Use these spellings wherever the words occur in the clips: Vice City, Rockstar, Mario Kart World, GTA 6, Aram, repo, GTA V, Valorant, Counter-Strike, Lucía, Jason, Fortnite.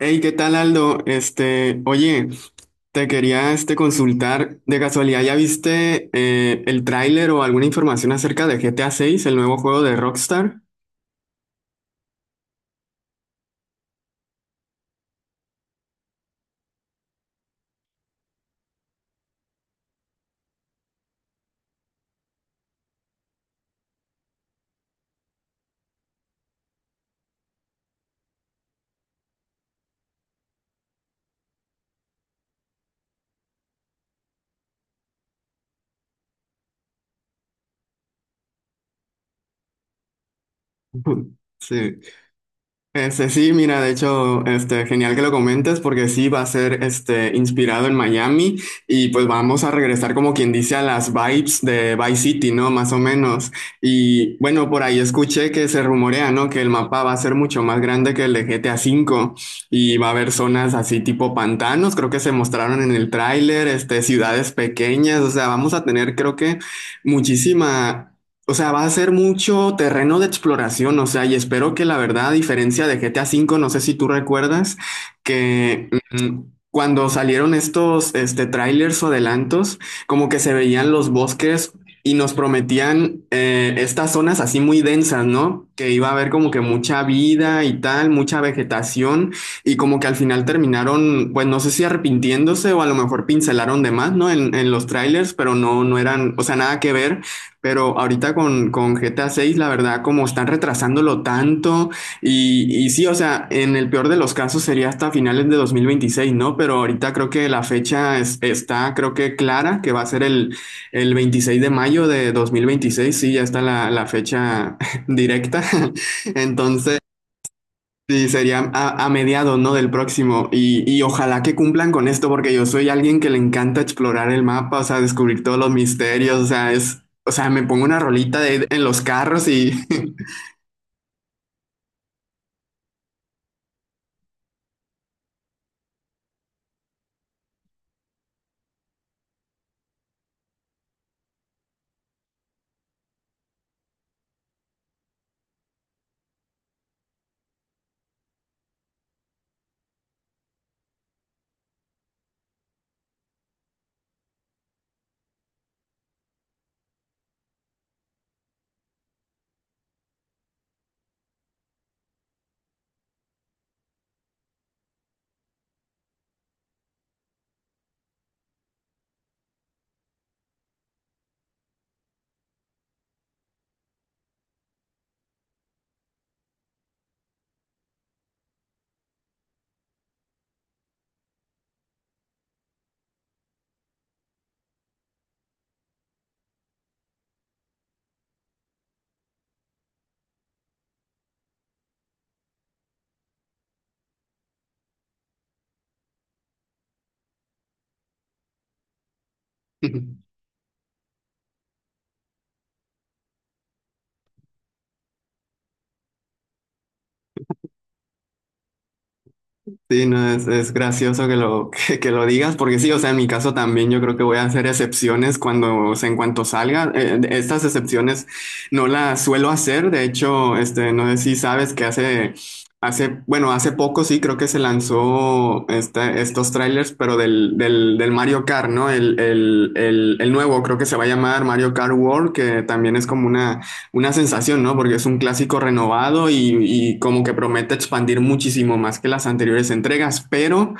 Hey, ¿qué tal, Aldo? Oye, te quería consultar. De casualidad, ¿ya viste el tráiler o alguna información acerca de GTA 6, el nuevo juego de Rockstar? Sí. Sí, mira, de hecho, genial que lo comentes porque sí va a ser inspirado en Miami y pues vamos a regresar, como quien dice, a las vibes de Vice City, ¿no? Más o menos. Y bueno, por ahí escuché que se rumorea, ¿no? Que el mapa va a ser mucho más grande que el de GTA V, y va a haber zonas así tipo pantanos, creo que se mostraron en el tráiler, ciudades pequeñas, o sea, vamos a tener, creo que muchísima, o sea, va a ser mucho terreno de exploración, o sea, y espero que, la verdad, a diferencia de GTA V, no sé si tú recuerdas, que mm, cuando salieron estos trailers o adelantos, como que se veían los bosques y nos prometían estas zonas así muy densas, ¿no? Que iba a haber como que mucha vida y tal, mucha vegetación, y como que al final terminaron, pues no sé si arrepintiéndose o a lo mejor pincelaron de más, ¿no? En los trailers, pero no, no eran, o sea, nada que ver. Pero ahorita con GTA 6, la verdad, como están retrasándolo tanto, y sí, o sea, en el peor de los casos sería hasta finales de 2026, ¿no? Pero ahorita creo que está, creo, que clara, que va a ser el 26 de mayo de 2026, sí, ya está la fecha directa. Entonces, sí, sería a mediados, ¿no? Del próximo. Y ojalá que cumplan con esto, porque yo soy alguien que le encanta explorar el mapa, o sea, descubrir todos los misterios, o sea, es, o sea, me pongo una en los carros y... Sí, no, es gracioso que lo, que lo digas, porque sí, o sea, en mi caso también yo creo que voy a hacer excepciones cuando, o sea, en cuanto salga. Estas excepciones no las suelo hacer, de hecho, no sé si sabes que hace, hace, bueno, hace poco sí creo que se lanzó estos trailers, pero del Mario Kart, ¿no? El nuevo, creo que se va a llamar Mario Kart World, que también es como una sensación, ¿no? Porque es un clásico renovado y como que promete expandir muchísimo más que las anteriores entregas, pero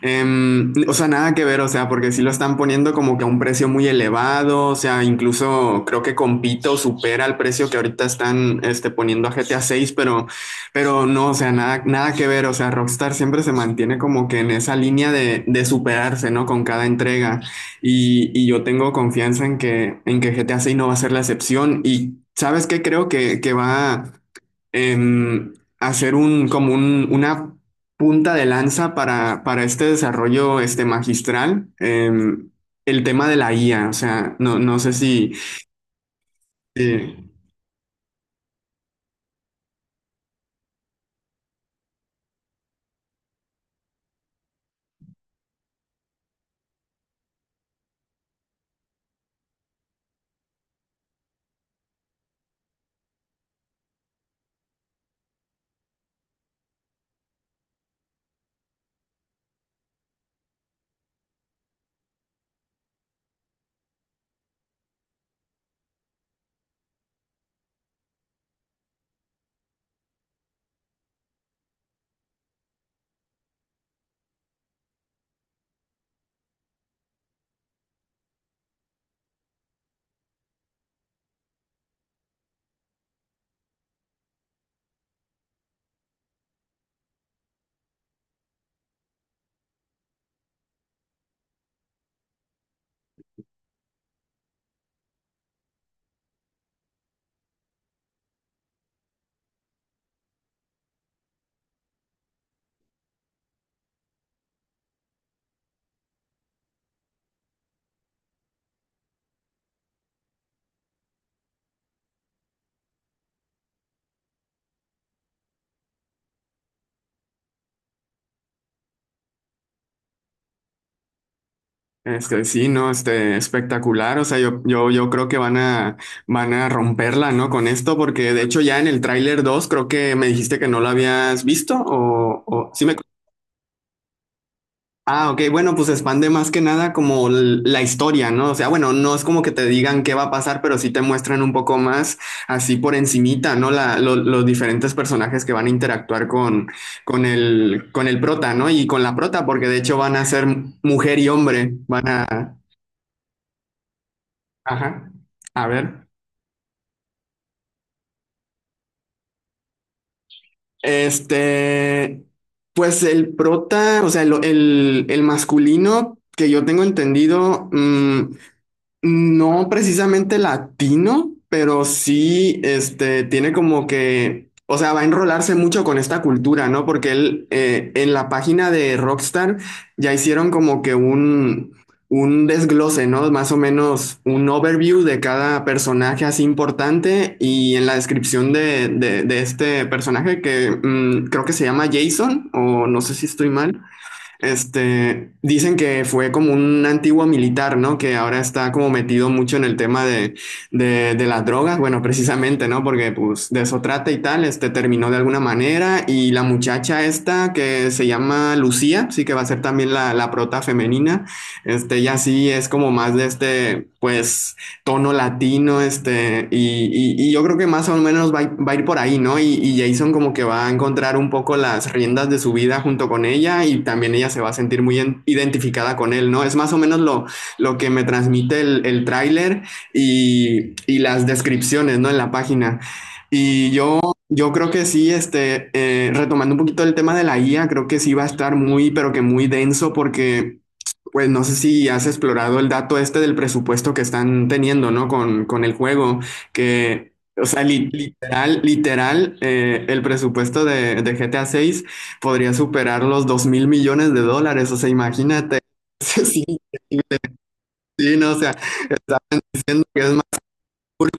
O sea, nada que ver, o sea, porque sí lo están poniendo como que a un precio muy elevado, o sea, incluso creo que compito supera el precio que ahorita están poniendo a GTA 6, pero no, o sea, nada, nada que ver, o sea, Rockstar siempre se mantiene como que en esa línea de superarse, ¿no? Con cada entrega. Y yo tengo confianza en que GTA 6 no va a ser la excepción. Y ¿sabes qué? Creo que va em, hacer un, como una punta de lanza para este desarrollo magistral, el tema de la IA, o sea, no sé si, si, sí, ¿no? Espectacular, o sea, yo creo que van a romperla, ¿no? Con esto, porque de hecho ya en el tráiler dos, creo que me dijiste que no lo habías visto, o sí me... Ah, ok, bueno, pues expande más que nada como la historia, ¿no? O sea, bueno, no es como que te digan qué va a pasar, pero sí te muestran un poco más, así por encimita, ¿no? La, los diferentes personajes que van a interactuar con el prota, ¿no? Y con la prota, porque de hecho van a ser mujer y hombre, van a... Ajá, a ver. Este, pues el prota, o sea, el, el masculino, que yo tengo entendido, no precisamente latino, pero sí, tiene como que, o sea, va a enrolarse mucho con esta cultura, ¿no? Porque él, en la página de Rockstar ya hicieron como que un desglose, ¿no? Más o menos un overview de cada personaje así importante, y en la descripción de este personaje, creo que se llama Jason, o no sé si estoy mal. Dicen que fue como un antiguo militar, ¿no? Que ahora está como metido mucho en el tema de las drogas, bueno, precisamente, ¿no? Porque pues de eso trata y tal, este terminó de alguna manera, y la muchacha esta que se llama Lucía, sí que va a ser también la prota femenina, ya sí es como más de pues tono latino, yo creo que más o menos va, va a ir por ahí, ¿no? Jason como que va a encontrar un poco las riendas de su vida junto con ella, y también ella se va a sentir muy identificada con él, ¿no? Es más o menos lo que me transmite el tráiler y las descripciones, ¿no? En la página. Y yo, yo creo que sí, retomando un poquito el tema de la IA, creo que sí va a estar muy, pero que muy denso, porque pues no sé si has explorado el dato este del presupuesto que están teniendo, ¿no? Con el juego, que, o sea, literal, literal, el presupuesto de GTA 6 podría superar los $2.000.000.000, o sea, imagínate. Sí, sí, no, o sea, está diciendo que es más Burj...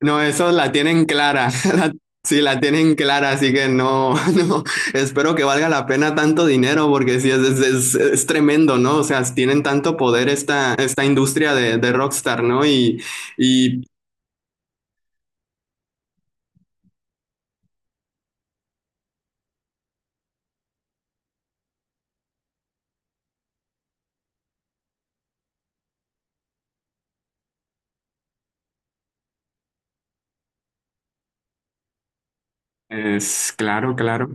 No, esos la tienen clara. Sí, la tienen clara, así que no, no. Espero que valga la pena tanto dinero, porque sí, es, es tremendo, ¿no? O sea, tienen tanto poder esta, esta industria de Rockstar, ¿no? Y es claro, claro.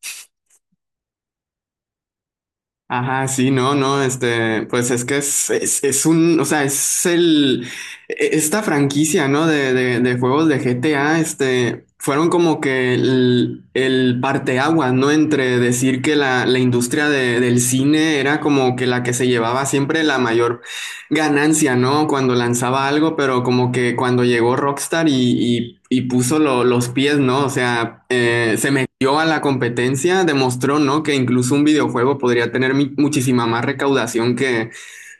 Ajá, sí, no, no, pues es que es un, o sea, es el, esta franquicia, ¿no? De juegos de GTA, fueron como que el parteaguas, ¿no? Entre decir que la industria del cine era como que la que se llevaba siempre la mayor ganancia, ¿no? Cuando lanzaba algo, pero como que cuando llegó Rockstar y, y puso los pies, ¿no? O sea, se metió a la competencia, demostró, ¿no? Que incluso un videojuego podría tener muchísima más recaudación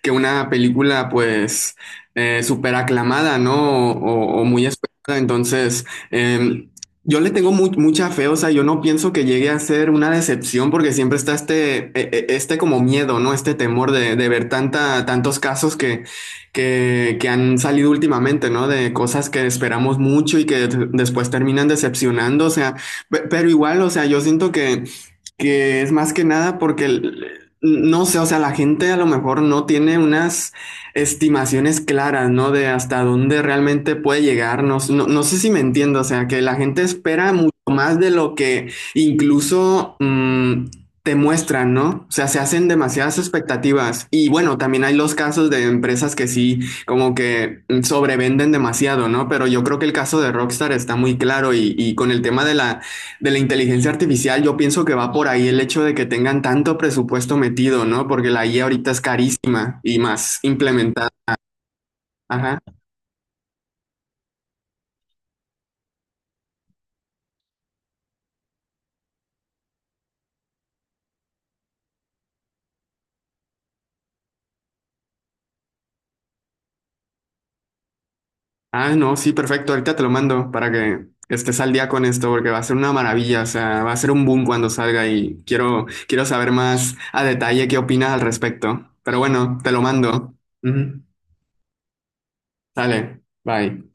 que una película, pues, súper aclamada, ¿no? O, o muy esperada. Entonces, eh, yo le tengo mucha fe, o sea, yo no pienso que llegue a ser una decepción, porque siempre está este como miedo, ¿no? Este temor de ver tanta, tantos casos que han salido últimamente, ¿no? De cosas que esperamos mucho y que después terminan decepcionando, o sea, pero igual, o sea, yo siento que es más que nada porque, no sé, o sea, la gente a lo mejor no tiene unas estimaciones claras, ¿no? De hasta dónde realmente puede llegar. No, no sé si me entiendo, o sea, que la gente espera mucho más de lo que incluso te muestran, ¿no? O sea, se hacen demasiadas expectativas. Y bueno, también hay los casos de empresas que sí, como que sobrevenden demasiado, ¿no? Pero yo creo que el caso de Rockstar está muy claro, y con el tema de la inteligencia artificial, yo pienso que va por ahí el hecho de que tengan tanto presupuesto metido, ¿no? Porque la IA ahorita es carísima, y más implementada. Ajá. Ah, no, sí, perfecto. Ahorita te lo mando para que estés al día con esto, porque va a ser una maravilla. O sea, va a ser un boom cuando salga, y quiero, quiero saber más a detalle qué opinas al respecto. Pero bueno, te lo mando. Ujú. Sale. Bye.